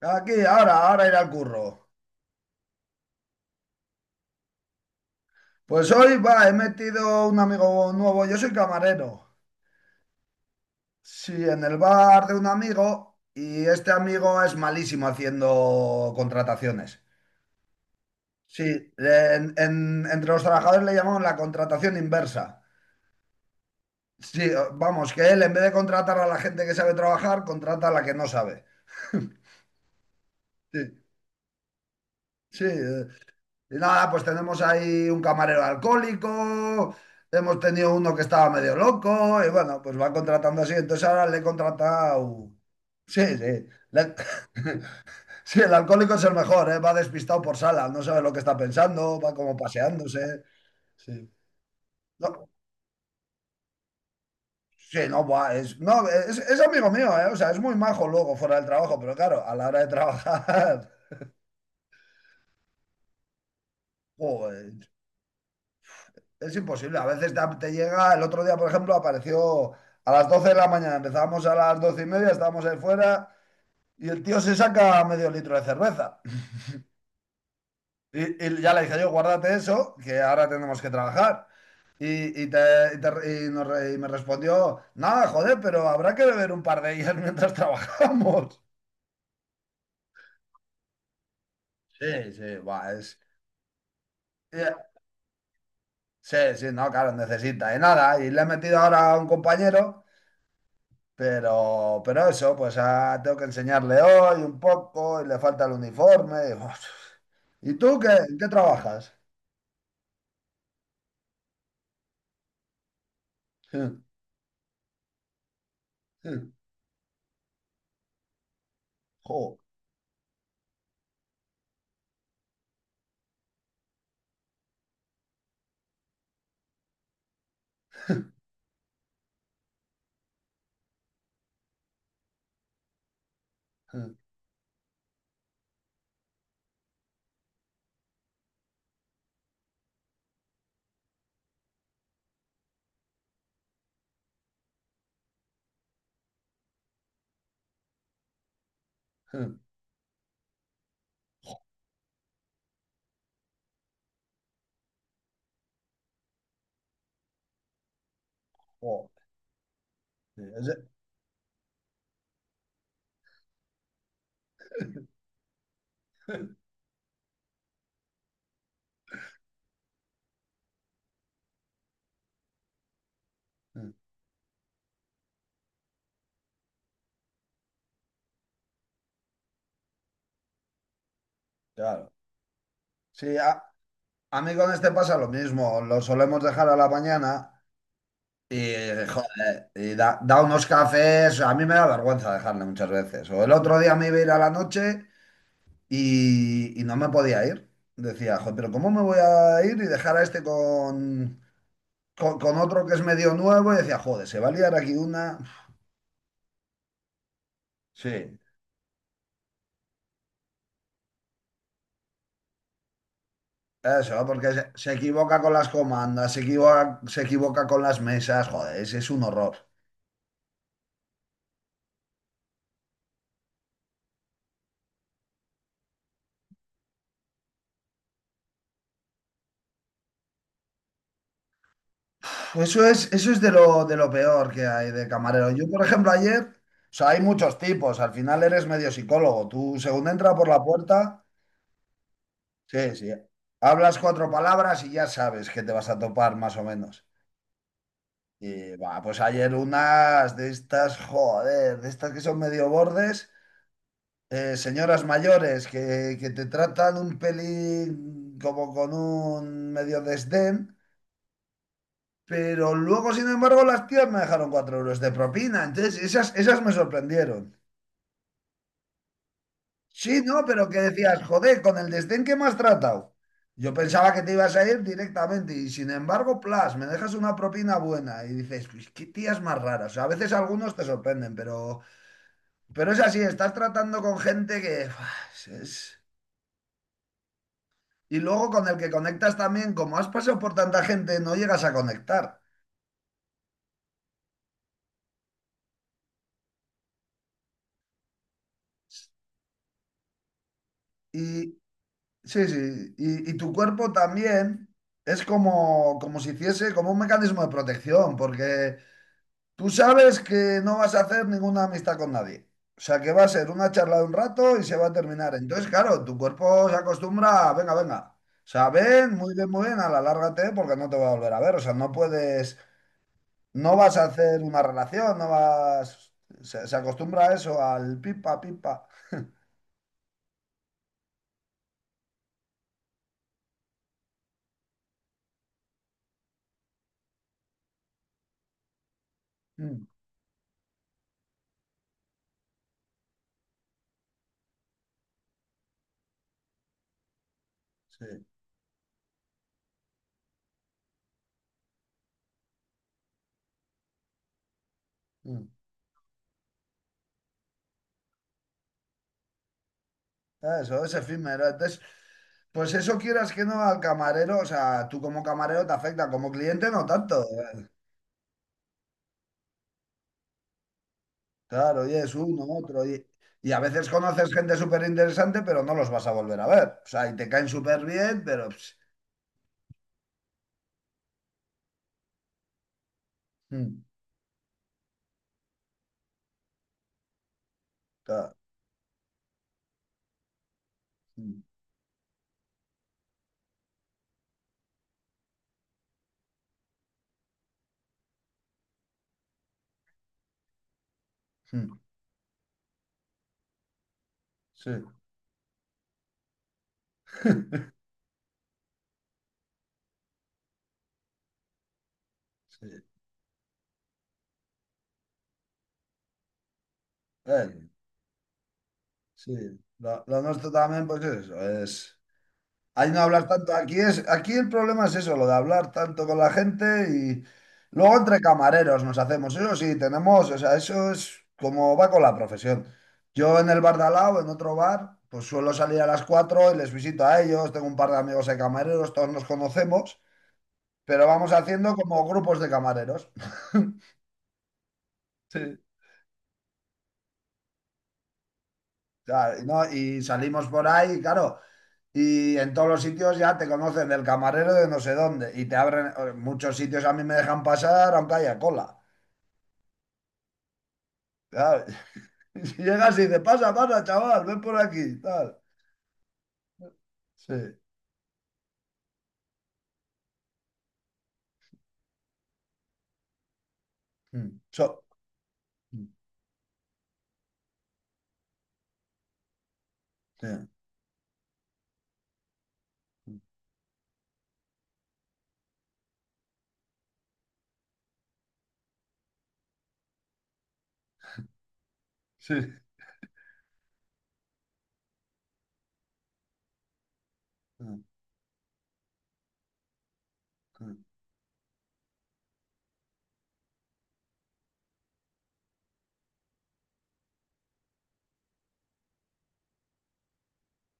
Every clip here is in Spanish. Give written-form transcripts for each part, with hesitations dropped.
Aquí, ahora, ahora ir al curro. Pues hoy, va, he metido un amigo nuevo. Yo soy camarero. Sí, en el bar de un amigo y este amigo es malísimo haciendo contrataciones. Sí, entre los trabajadores le llamamos la contratación inversa. Sí, vamos, que él en vez de contratar a la gente que sabe trabajar, contrata a la que no sabe. Sí, sí. Y nada, pues tenemos ahí un camarero alcohólico, hemos tenido uno que estaba medio loco, y bueno, pues va contratando así. Entonces ahora le he contratado. Sí, sí. Le- Sí, el alcohólico es el mejor, ¿eh? Va despistado por sala, no sabe lo que está pensando, va como paseándose. Sí. No, sí, no, buah, es, no, es amigo mío, ¿eh? O sea, es muy majo luego fuera del trabajo, pero claro, a la hora de trabajar, joder. Es imposible, a veces te llega, el otro día, por ejemplo, apareció a las 12 de la mañana, empezábamos a las 12:30, estábamos ahí fuera y el tío se saca medio litro de cerveza. Y ya le dije yo, guárdate eso, que ahora tenemos que trabajar. Y, te- y te- y nos re- y me respondió, nada, joder, pero habrá que beber un par de ellas mientras trabajamos. Sí, sí, buah, es... eh, Sí, sí, no, claro, necesita. Y nada, y le he metido ahora a un compañero. Pero eso, pues ah, tengo que enseñarle hoy un poco y le falta el uniforme. Y, uf. ¿Y tú qué, en qué trabajas? Jo, jo. Sí, ese- Claro. Sí, a mí con este pasa lo mismo. Lo solemos dejar a la mañana y, joder, y da unos cafés. A mí me da vergüenza dejarle muchas veces. O el otro día me iba a ir a la noche. Y, y no me podía ir. Decía, joder, pero ¿cómo me voy a ir y dejar a este con, con otro que es medio nuevo? Y decía, joder, se va a liar aquí una. Sí, eso, porque se equivoca con las comandas, se equivoca con las mesas, joder, es un horror. Pues eso es, eso es de lo peor que hay de camarero. Yo, por ejemplo, ayer, o sea, hay muchos tipos, al final eres medio psicólogo. Tú, según entra por la puerta, sí, sí, hablas cuatro palabras y ya sabes que te vas a topar más o menos. Y va, pues ayer unas de estas, joder, de estas que son medio bordes, señoras mayores que te tratan un pelín como con un medio desdén, pero luego, sin embargo, las tías me dejaron 4 euros de propina. Entonces, esas, esas me sorprendieron. Sí, no, pero que decías, joder, con el desdén que me has tratado. Yo pensaba que te ibas a ir directamente y sin embargo, plas, me dejas una propina buena y dices, "Pues, qué tías más raras". O sea, a veces algunos te sorprenden, pero... Pero es así, estás tratando con gente que uf, es... Y luego con el que conectas también, como has pasado por tanta gente, no llegas a conectar. Y sí, sí, y tu cuerpo también es como, como si hiciese como un mecanismo de protección, porque tú sabes que no vas a hacer ninguna amistad con nadie. O sea, que va a ser una charla de un rato y se va a terminar. Entonces, claro, tu cuerpo se acostumbra, a, venga, venga. O sea, ven, muy bien, a la lárgate porque no te va a volver a ver. O sea, no puedes. No vas a hacer una relación, no vas. Se acostumbra a eso, al pipa, pipa. Mm, sí. Mm. Eso, es efímero. Entonces, pues eso quieras que no al camarero, o sea, tú como camarero te afecta, como cliente no tanto. ¿Eh? Claro, y es uno, otro. Y a veces conoces gente súper interesante, pero no los vas a volver a ver. O sea, y te caen súper bien, pero... ps, mm, claro, mm, mm, sí, sí. eh, sí. Lo nuestro también, pues es eso, es... Ahí no hablar tanto. Aquí es, aquí el problema es eso, lo de hablar tanto con la gente y luego entre camareros nos hacemos. Eso sí, tenemos, o sea, eso es como va con la profesión. Yo en el bar de al lado, en otro bar, pues suelo salir a las 4 y les visito a ellos. Tengo un par de amigos de camareros, todos nos conocemos, pero vamos haciendo como grupos de camareros. Sí. sea, no? Y salimos por ahí, claro. Y en todos los sitios ya te conocen del camarero de no sé dónde. Y te abren. Muchos sitios a mí me dejan pasar aunque haya cola. ¿Sabes? Y llegas y dices, pasa, pasa, chaval, ven por aquí. Tal. Sí. Mm. So- mm. Sí. Mm. Sí. Mm. Mm.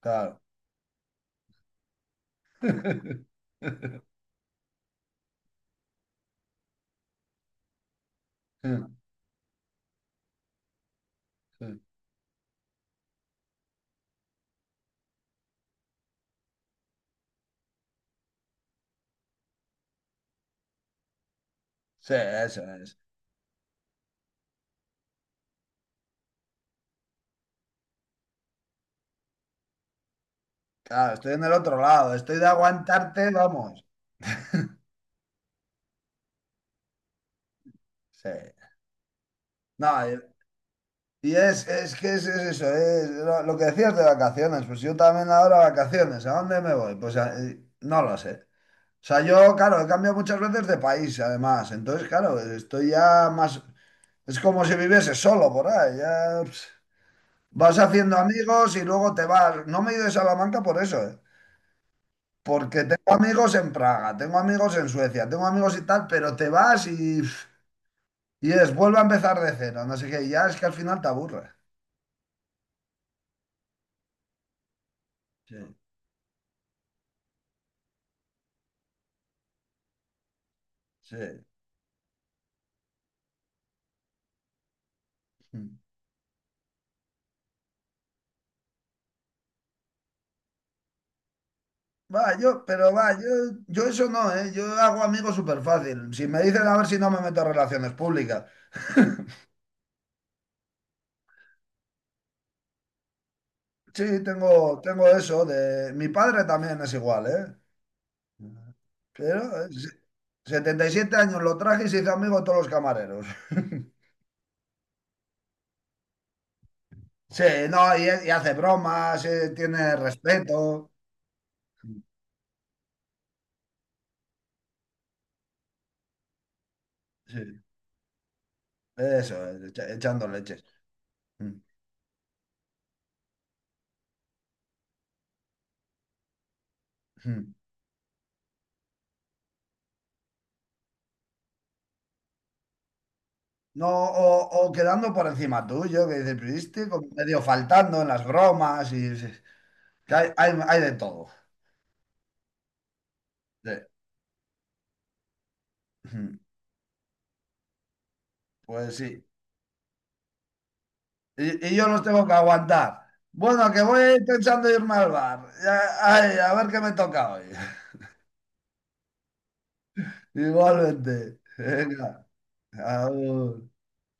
Claro. Mm. Sí. Sí, eso es. Claro, estoy en el otro lado. Estoy de aguantarte, vamos. Sí. No, y es que es eso, es lo que decías de vacaciones. Pues yo también ahora vacaciones, ¿a dónde me voy? Pues a- no lo sé. O sea, yo, claro, he cambiado muchas veces de país, además. Entonces, claro, estoy ya más... Es como si viviese solo por ahí. Ya pss, vas haciendo amigos y luego te vas. No me he ido de Salamanca por eso, ¿eh? Porque tengo amigos en Praga, tengo amigos en Suecia, tengo amigos y tal, pero te vas y... pff, y es, vuelve a empezar de cero, no sé qué. Y ya es que al final te aburre. Sí, sí. Va, yo, pero va, yo eso no, ¿eh? Yo hago amigos súper fácil. Si me dicen a ver si no me meto en relaciones públicas. Sí, tengo eso de... Mi padre también es igual, ¿eh? Pero se- 77 años lo traje y se hizo amigo de todos los camareros. Sí, no, y hace bromas, tiene respeto. Sí, eso, es, echa- echando leches. No, o quedando por encima tuyo, que dices, pero este como medio faltando en las bromas y sí, que hay, hay de todo. Sí. Pues sí. Y yo los tengo que aguantar. Bueno, que voy pensando irme al bar. Ya- ay, a ver qué me toca hoy. Igualmente. Venga, agur.